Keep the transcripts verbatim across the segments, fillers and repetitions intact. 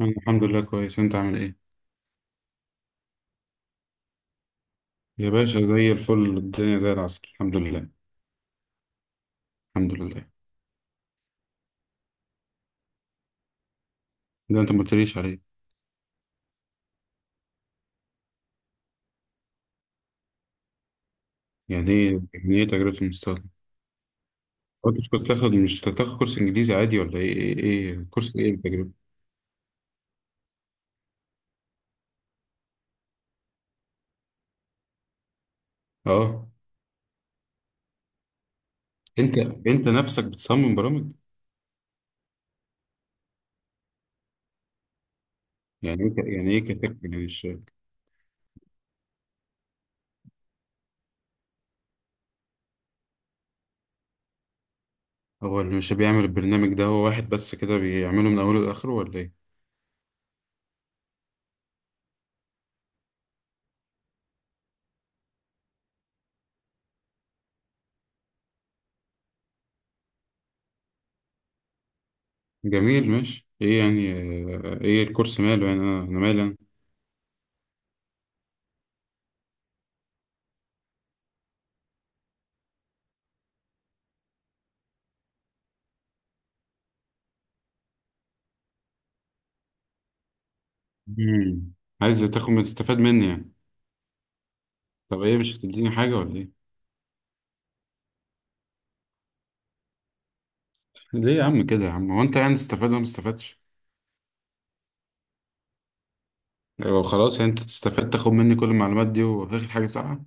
أنا الحمد لله كويس. انت عامل ايه؟ يا باشا، زي الفل، الدنيا زي العسل، الحمد لله. الحمد لله. ده انت ما قلتليش عليه. يعني ايه يعني ايه تجربة المستقبل؟ انت مش كنت تاخد مش تاخد كورس انجليزي عادي ولا ايه ايه, إيه؟ كورس ايه، التجربة؟ اه، انت انت نفسك بتصمم برامج؟ يعني ايه ك- يعني ايه كاتب يعني مش... هو اللي مش بيعمل البرنامج ده، هو واحد بس كده بيعمله من اوله لاخره ولا ايه؟ جميل، ماشي، ايه يعني؟ آه، ايه الكورس ماله يعني؟ انا أنا مالي انا. مم. عايز تاخد تستفاد مني يعني؟ طب ايه، مش هتديني حاجة ولا ايه؟ ليه يا عم كده يا عم؟ هو انت يعني تستفاد ولا ما استفادش؟ يعني لو خلاص، يعني انت تستفاد تاخد مني كل المعلومات دي وفي الاخر حاجة ساقعة؟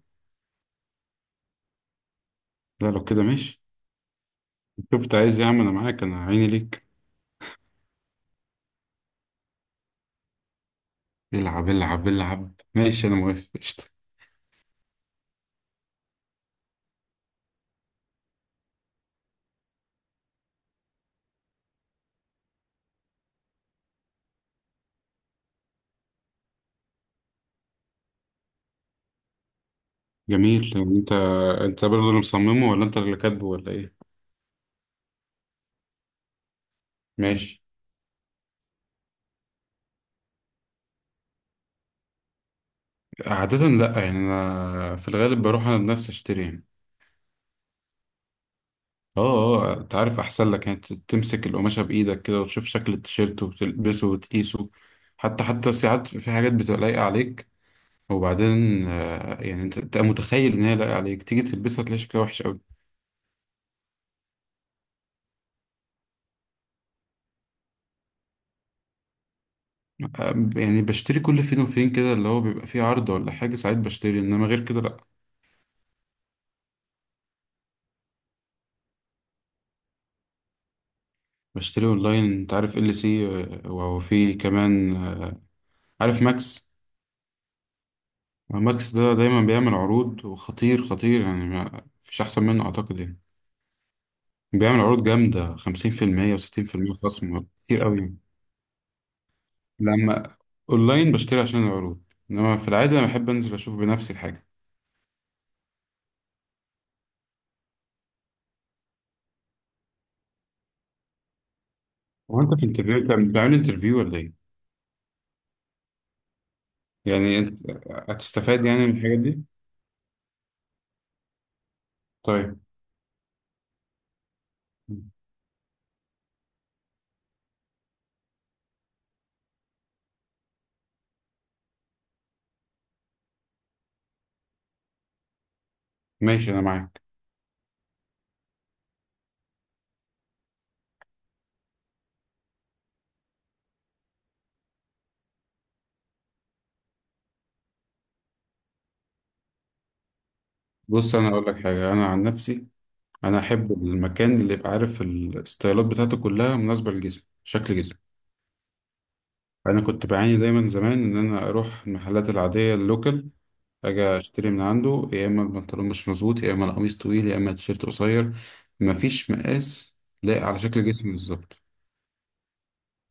لا، لو كده ماشي. شوف انت عايز ايه يا عم، انا معاك، انا عيني ليك. العب، العب، العب، ماشي، انا موافق، قشطة. جميل، يعني انت انت برضه اللي مصممه ولا انت اللي كاتبه ولا ايه؟ ماشي. عادة لا، يعني انا في الغالب بروح انا بنفسي اشتري يعني. اه، اه، انت عارف احسن لك، يعني ت- تمسك القماشة بايدك كده وتشوف شكل التيشيرت وتلبسه وتقيسه. حتى حتى ساعات في حاجات بتبقى لايقة عليك. وبعدين آه، يعني انت تبقى متخيل ان هي لايقة عليك، تيجي تلبسها تلاقي شكلها وحش قوي. آه، يعني بشتري كل فين وفين كده، اللي هو بيبقى فيه عرض ولا حاجة، ساعات بشتري، انما غير كده لا. بشتري اونلاين، انت عارف ال سي. وفي كمان، آه، عارف ماكس. ماكس ده دايما بيعمل عروض وخطير خطير، يعني ما فيش احسن منه اعتقد يعني. بيعمل عروض جامدة، خمسين في المئة و60% خصم، كتير قوي. لما أونلاين بشتري عشان العروض. إنما في العادة أنا بحب أنزل أشوف بنفسي الحاجة. هو أنت في انترفيو؟ أنت بتعمل انترفيو ولا إيه؟ يعني أنت هتستفاد يعني من الحاجات دي؟ طيب، ماشي، أنا معاك. بص، أنا أقول لك حاجة، أنا عن نفسي، أنا أحب المكان اللي يبقى عارف الستايلات بتاعته كلها مناسبة لجسمي، شكل جسمي. أنا كنت بعاني دايما زمان إن أنا أروح المحلات العادية، اللوكال، اجي اشتري من عنده، يا اما البنطلون مش مظبوط، يا اما القميص طويل، يا اما التيشيرت قصير، مفيش مقاس لايق على شكل جسمي بالظبط.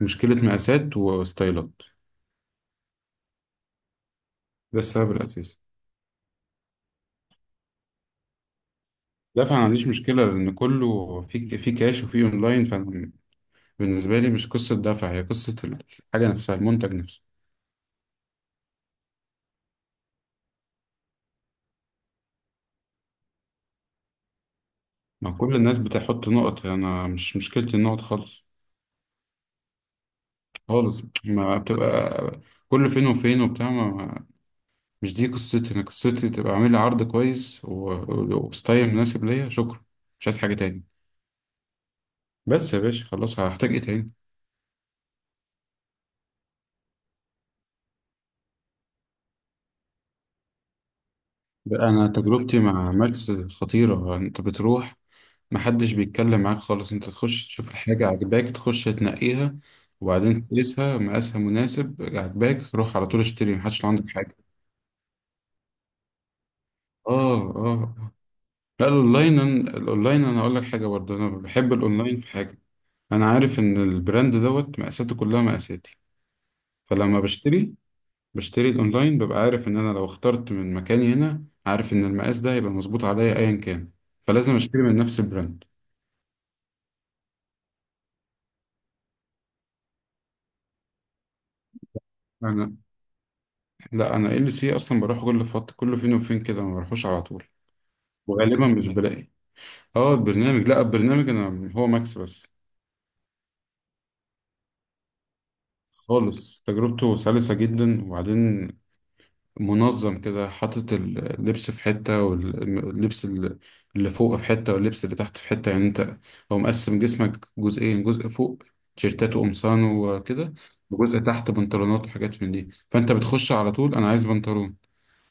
مشكلة مقاسات وستايلات. ده السبب الأساسي. لا، فأنا ما عنديش مشكلة لأن كله في في كاش وفي أونلاين، فأنا بالنسبة لي مش قصة دفع، هي قصة الحاجة نفسها، المنتج نفسه. ما كل الناس بتحط نقط، أنا مش مشكلتي النقط خالص. خالص، ما بتبقى كل فين وفين وبتاع ما... مش دي قصتي، انا قصتي تبقى عامل لي عرض كويس و- و- وستايل مناسب ليا، شكرا. مش عايز حاجه تاني. بس يا باشا، خلاص، هحتاج ايه تاني؟ بقى انا تجربتي مع ماكس خطيره. انت بتروح، محدش بيتكلم معاك خالص، انت تخش تشوف الحاجه عجباك، تخش تنقيها، وبعدين تقيسها مقاسها مناسب عجباك، روح على طول اشتري، محدش لو عندك حاجه. اه، اه، آه. لا، الاونلاين، أنا- الاونلاين انا اقول لك حاجه برضه، انا بحب الاونلاين في حاجه. انا عارف ان البراند دوت مقاساته كلها مقاساتي، فلما بشتري بشتري الاونلاين، ببقى عارف ان انا لو اخترت من مكاني هنا، عارف ان المقاس ده هيبقى مظبوط عليا ايا كان. فلازم اشتري من نفس البراند. انا لا، انا ال سي اصلا بروح كل فتره، كل فين وفين كده، ما بروحوش على طول، وغالبا مش بلاقي. اه البرنامج لا، البرنامج انا هو ماكس بس. خالص، تجربته سلسه جدا. وبعدين منظم كده، حاطط اللبس في حتة، واللبس اللي فوق في حتة، واللبس اللي تحت في حتة. يعني انت، هو مقسم جسمك جزئين، جزء فوق تيشيرتات وقمصان وكده، وجزء تحت بنطلونات وحاجات من دي. فانت بتخش على طول، انا عايز بنطلون،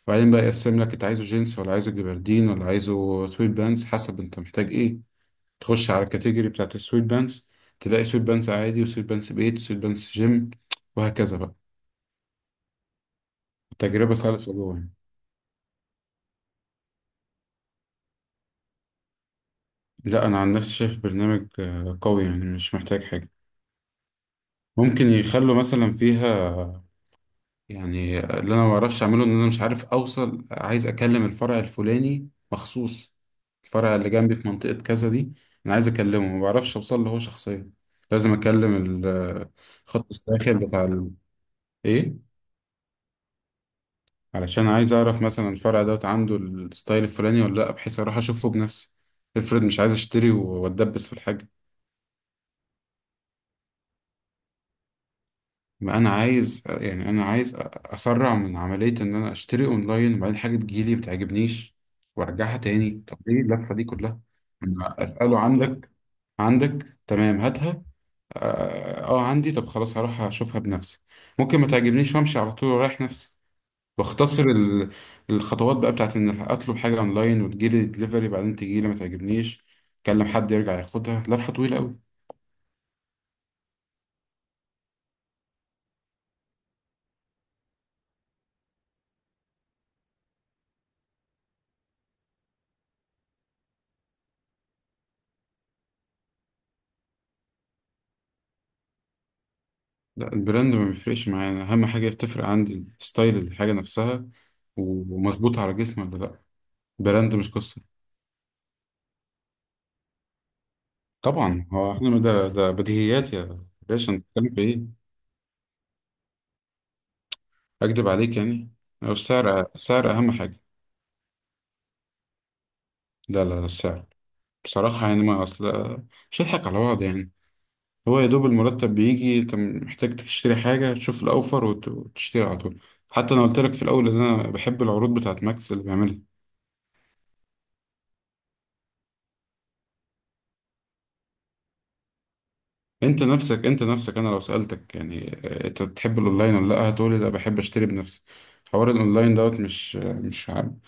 وبعدين بقى يقسم لك انت عايزه جينز ولا عايزه جبردين ولا عايزه سويت بانز، حسب انت محتاج ايه. تخش على الكاتيجوري بتاعت السويت بانز، تلاقي سويت بانز عادي، وسويت بانز بيت، وسويت بانز جيم، وهكذا بقى. تجربة سلسة جوه يعني. لا، انا عن نفسي شايف برنامج آه، قوي يعني، مش محتاج حاجه. ممكن يخلوا مثلا فيها، يعني اللي انا ما بعرفش اعمله ان انا مش عارف اوصل. عايز اكلم الفرع الفلاني مخصوص، الفرع اللي جنبي في منطقه كذا دي. انا عايز اكلمه، ما بعرفش اوصل له هو شخصيا. لازم اكلم ال- الخط الساخن بتاع ال... ايه. علشان عايز اعرف مثلا الفرع دوت عنده الستايل الفلاني ولا لا، بحيث اروح اشوفه بنفسي. افرض مش عايز اشتري واتدبس في الحاجه. ما انا عايز، يعني انا عايز اسرع من عمليه ان انا اشتري اونلاين وبعدين حاجه تجيلي ما تعجبنيش وارجعها تاني. طب ليه اللفه دي كلها؟ أنا اساله عندك عندك تمام، هاتها. اه، آه، عندي؟ طب خلاص، هروح اشوفها بنفسي. ممكن ما تعجبنيش وامشي على طول ورايح نفسي. واختصر ال- الخطوات بقى بتاعت ان اطلب حاجه اونلاين وتجيلي دليفري، بعدين تجيلي ما تعجبنيش، اكلم حد يرجع ياخدها، لفه طويله قوي. لا، البراند ما بيفرقش معايا. أنا اهم حاجه بتفرق عندي ستايل الحاجه نفسها و- ومظبوطه على جسمي ولا لا، براند مش قصه. طبعا، هو احنا ده ده بديهيات يا باشا، انت بتتكلم في ايه؟ اكدب عليك يعني؟ هو السعر السعر اهم حاجه. لا، لا، لا، السعر. بصراحه يعني، ما اصل مش هضحك على بعض يعني. هو يا دوب المرتب بيجي، انت محتاج تشتري حاجه، تشوف الاوفر وت- وتشتري على طول. حتى انا قلت لك في الاول ان انا بحب العروض بتاعت ماكس اللي بيعملها. انت نفسك انت نفسك انا لو سألتك يعني آه، انت بتحب الاونلاين ولا لا، هتقولي لا، بحب اشتري بنفسي. حوار الاونلاين دوت مش آه، مش عام-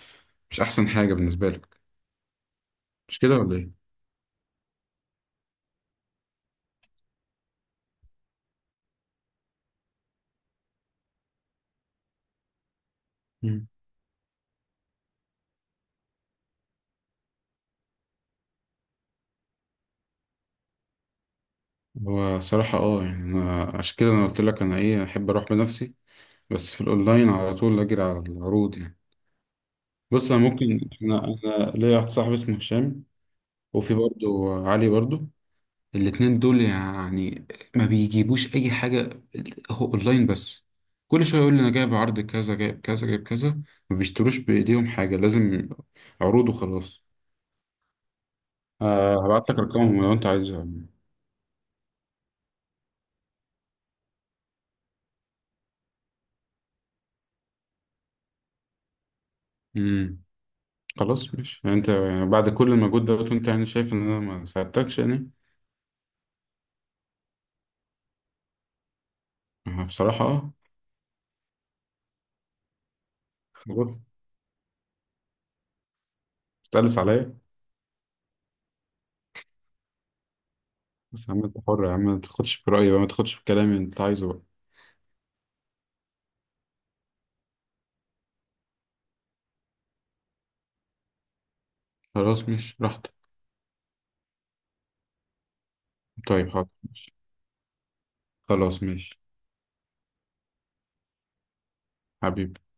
مش احسن حاجة بالنسبة لك. مش كده ولا ايه؟ مم. هو صراحة اه، يعني انا عشان كده انا قلت لك انا ايه احب اروح بنفسي. بس في الاونلاين على طول اجري على العروض يعني. بص، انا ممكن انا انا ليا واحد صاحبي اسمه هشام، وفي برضه علي برضه. الاتنين دول يعني ما بيجيبوش اي حاجة، هو اونلاين بس. كل شوية يقول لي انا جايب عرض كذا، جايب كذا، جايب كذا. ما بيشتروش بايديهم حاجة، لازم عروض وخلاص. آه، هبعت لك ارقامهم لو انت عايزها. امم خلاص ماشي، يعني انت يعني بعد كل المجهود ده وانت يعني شايف ان انا ما ساعدتكش يعني. آه، بصراحة اه. خلاص. تقلس عليا. بس يا عم، انت حر يا عم، ما تاخدش برأيي بقى، ما تاخدش بكلامي، انت عايزه بقى. خلاص، ماشي براحتك. طيب، حاضر، ماشي. خلاص ماشي. حبيبي.